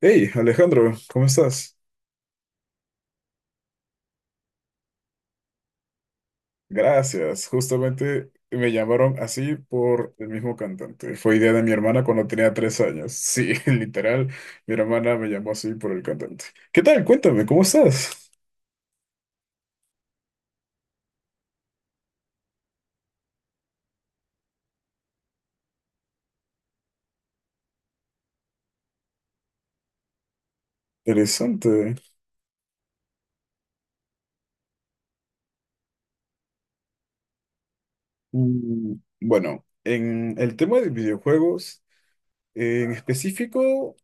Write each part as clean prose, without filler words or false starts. Hey, Alejandro, ¿cómo estás? Gracias. Justamente me llamaron así por el mismo cantante. Fue idea de mi hermana cuando tenía 3 años. Sí, literal, mi hermana me llamó así por el cantante. ¿Qué tal? Cuéntame, ¿cómo estás? Interesante. Mm, bueno, en el tema de videojuegos, en específico,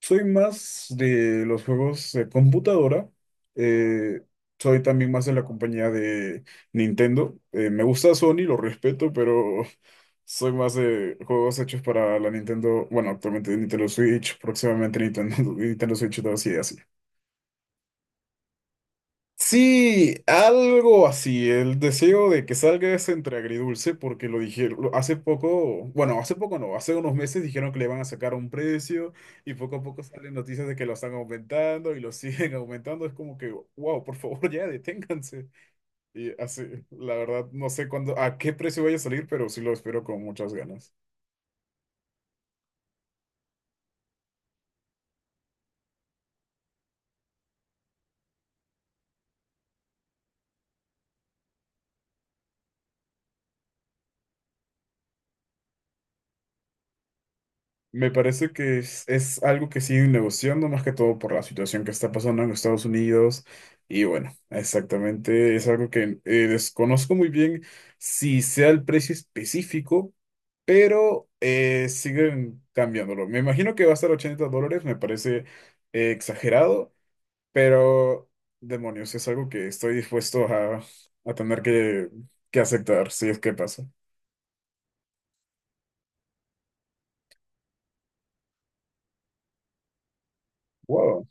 soy más de los juegos de computadora. eh, Soy también más de la compañía de Nintendo. Me gusta Sony, lo respeto, pero soy más de juegos hechos para la Nintendo. Bueno, actualmente Nintendo Switch, próximamente Nintendo, Nintendo Switch 2 y así. Sí, algo así. El deseo de que salga es entre agridulce, porque hace poco, bueno, hace poco no, hace unos meses dijeron que le van a sacar un precio y poco a poco salen noticias de que lo están aumentando y lo siguen aumentando. Es como que, wow, por favor, ya deténganse. Y así, la verdad, no sé cuándo, a qué precio vaya a salir, pero sí lo espero con muchas ganas. Me parece que es algo que siguen negociando más que todo por la situación que está pasando en Estados Unidos. Y bueno, exactamente es algo que desconozco muy bien si sea el precio específico, pero siguen cambiándolo. Me imagino que va a estar $80, me parece exagerado, pero demonios, es algo que estoy dispuesto a tener que aceptar si es que pasa. Wow.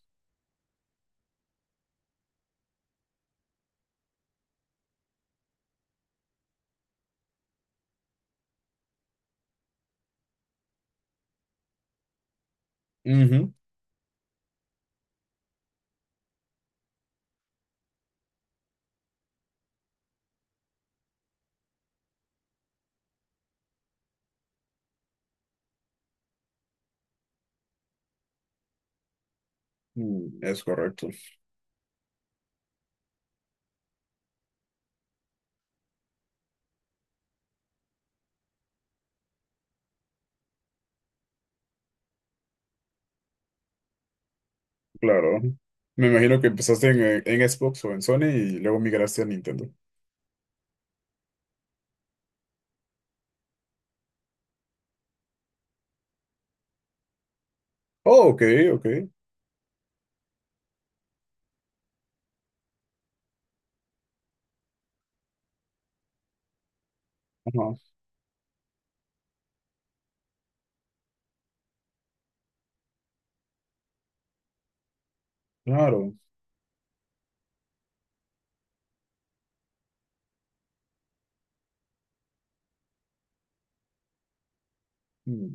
Ujú. Mm, es correcto. Claro. Me imagino que empezaste en Xbox o en Sony y luego migraste a Nintendo. Oh, ok, ok. Ajá, claro. Mm,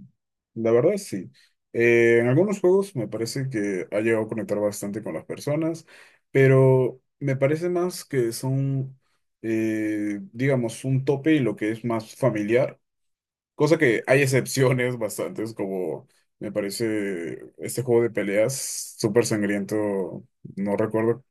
la verdad, sí. En algunos juegos me parece que ha llegado a conectar bastante con las personas, pero me parece más que son, digamos, un tope y lo que es más familiar. Cosa que hay excepciones bastantes, como me parece este juego de peleas súper sangriento. No recuerdo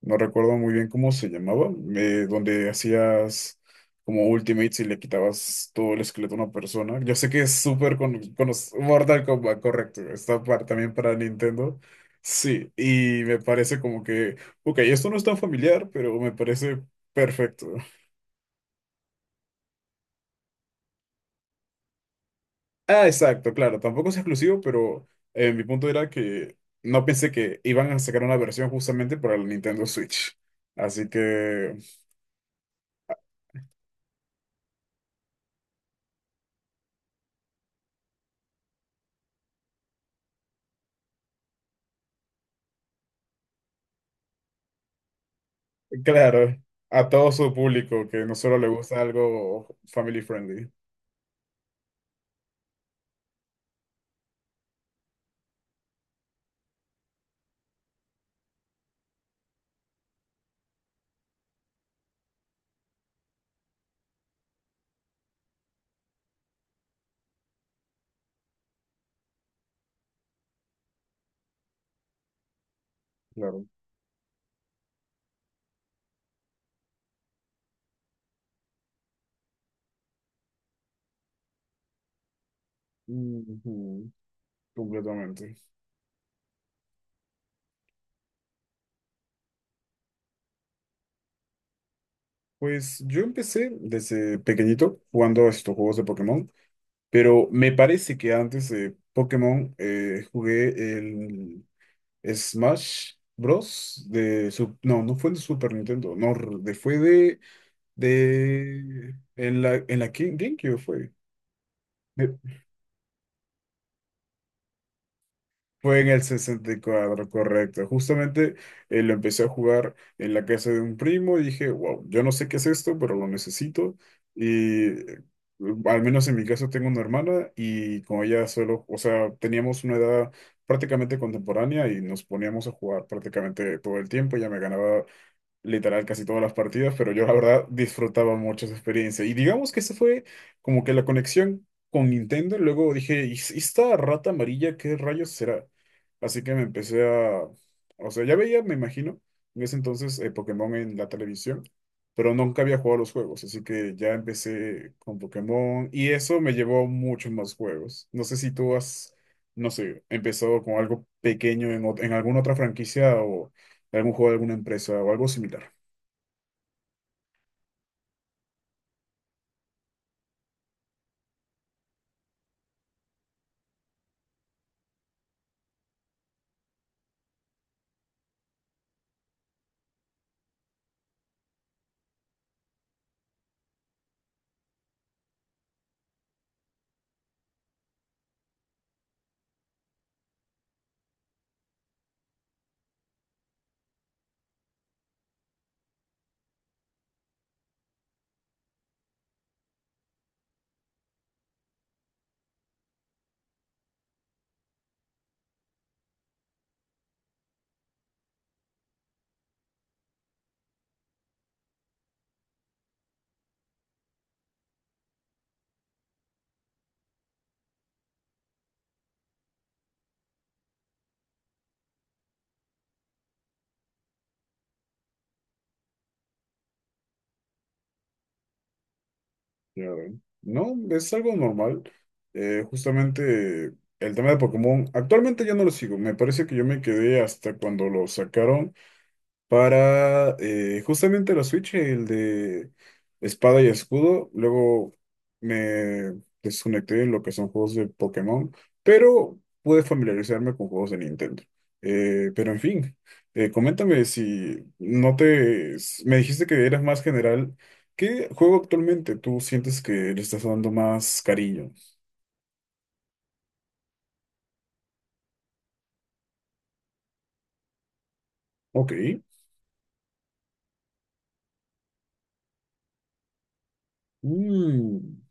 No recuerdo muy bien cómo se llamaba, donde hacías como ultimates y le quitabas todo el esqueleto a una persona. Yo sé que es súper con Mortal Kombat, correcto. Está para, también para Nintendo. Sí, y me parece como que, ok, esto no es tan familiar, pero me parece perfecto. Ah, exacto, claro, tampoco es exclusivo, pero mi punto era que no pensé que iban a sacar una versión justamente para el Nintendo Switch. Así que claro, a todo su público que no solo le gusta algo family friendly. Claro. Ujú, completamente. Pues yo empecé desde pequeñito jugando a estos juegos de Pokémon, pero me parece que antes de Pokémon jugué el Smash Bros. No, no fue de Super Nintendo, no, de, fue de, de en la GameCube fue. Fue en el 64, correcto. Justamente lo empecé a jugar en la casa de un primo y dije, wow, yo no sé qué es esto, pero lo necesito. Y al menos en mi caso tengo una hermana y con ella solo, o sea, teníamos una edad prácticamente contemporánea y nos poníamos a jugar prácticamente todo el tiempo. Ella me ganaba literal casi todas las partidas, pero yo la verdad disfrutaba mucho esa experiencia. Y digamos que esa fue como que la conexión con Nintendo. Luego dije, ¿y s- esta rata amarilla qué rayos será? Así que me empecé a... O sea, ya veía, me imagino, en ese entonces Pokémon en la televisión, pero nunca había jugado a los juegos, así que ya empecé con Pokémon y eso me llevó a muchos más juegos. No sé si tú has, no sé, empezado con algo pequeño en, en alguna otra franquicia, algún juego de alguna empresa o algo similar. Ya ven. No, es algo normal. Justamente el tema de Pokémon, actualmente ya no lo sigo. Me parece que yo me quedé hasta cuando lo sacaron para justamente la Switch, el de Espada y Escudo. Luego me desconecté en lo que son juegos de Pokémon, pero pude familiarizarme con juegos de Nintendo. Pero en fin, coméntame si no te... s- me dijiste que eras más general. ¿Qué juego actualmente tú sientes que le estás dando más cariño? Ok. Mm,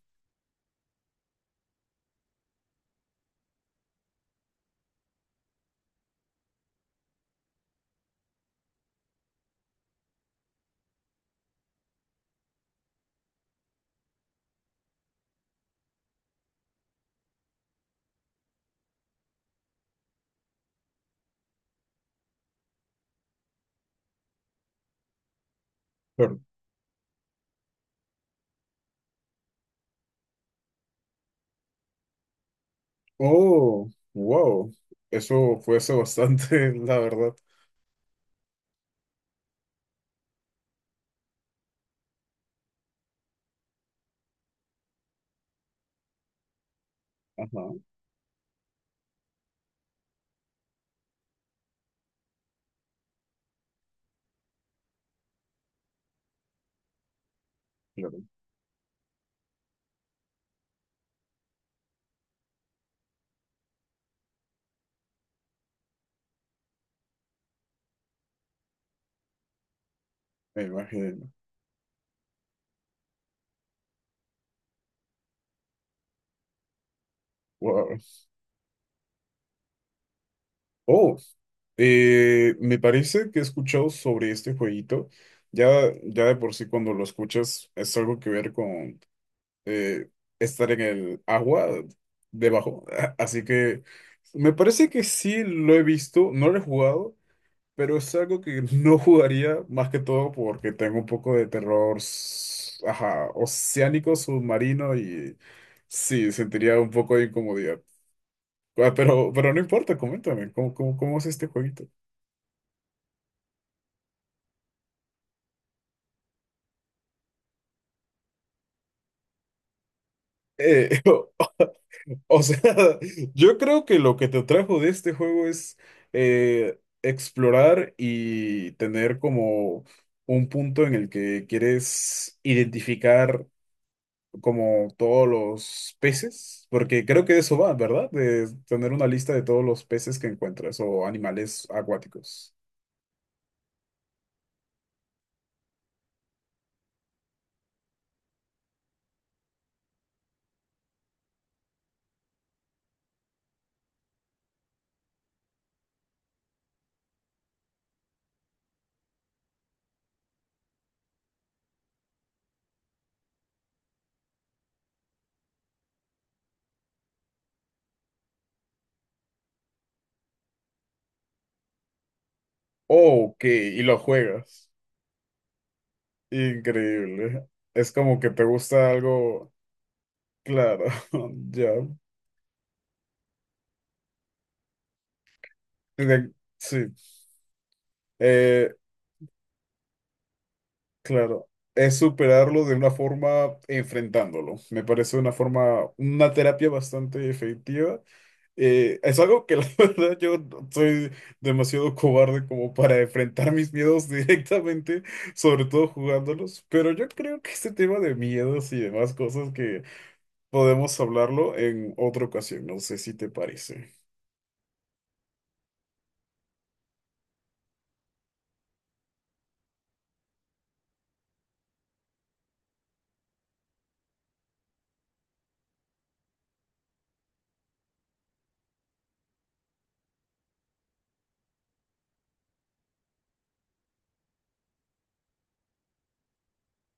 pero- oh, wow. Eso fue hace bastante, la verdad. Ajá. Claro, la imagen. Wow. Oh, me parece que he escuchado sobre este jueguito. Ya, ya de por sí cuando lo escuchas es algo que ver con eh, estar en el agua debajo. Así que me parece que sí lo he visto, no lo he jugado, pero es algo que no jugaría más que todo porque tengo un poco de terror, s- ajá, oceánico, submarino y sí, sentiría un poco de incomodidad. Ah, pero no importa, coméntame, ¿cómo, cómo, cómo es este jueguito? Eh, o, o sea, yo creo que lo que te trajo de este juego es explorar y tener como un punto en el que quieres identificar como todos los peces, porque creo que de eso va, ¿verdad? De tener una lista de todos los peces que encuentras o animales acuáticos. Ok, y lo juegas. Increíble. Es como que te gusta algo. Claro, ya. De- sí, eh, claro. Es superarlo de una forma enfrentándolo. Me parece una forma, una terapia bastante efectiva. Es algo que la verdad yo no- soy demasiado cobarde como para enfrentar mis miedos directamente, sobre todo jugándolos. Pero yo creo que este tema de miedos y demás cosas que podemos hablarlo en otra ocasión. No sé si te parece.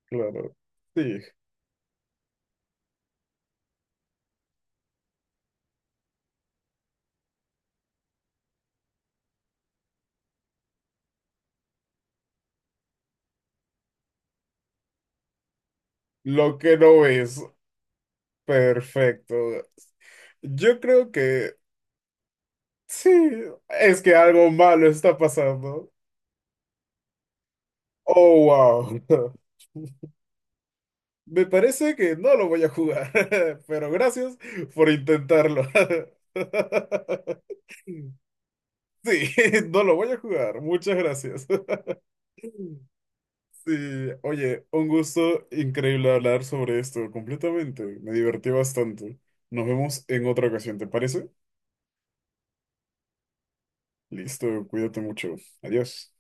Claro. Sí, lo que no es. Perfecto. Yo creo que sí, es que algo malo está pasando. Oh, wow. Me parece que no lo voy a jugar, pero gracias por intentarlo. Sí, no lo voy a jugar. Muchas gracias. Sí, oye, un gusto increíble hablar sobre esto completamente. Me divertí bastante. Nos vemos en otra ocasión, ¿te parece? Listo, cuídate mucho. Adiós.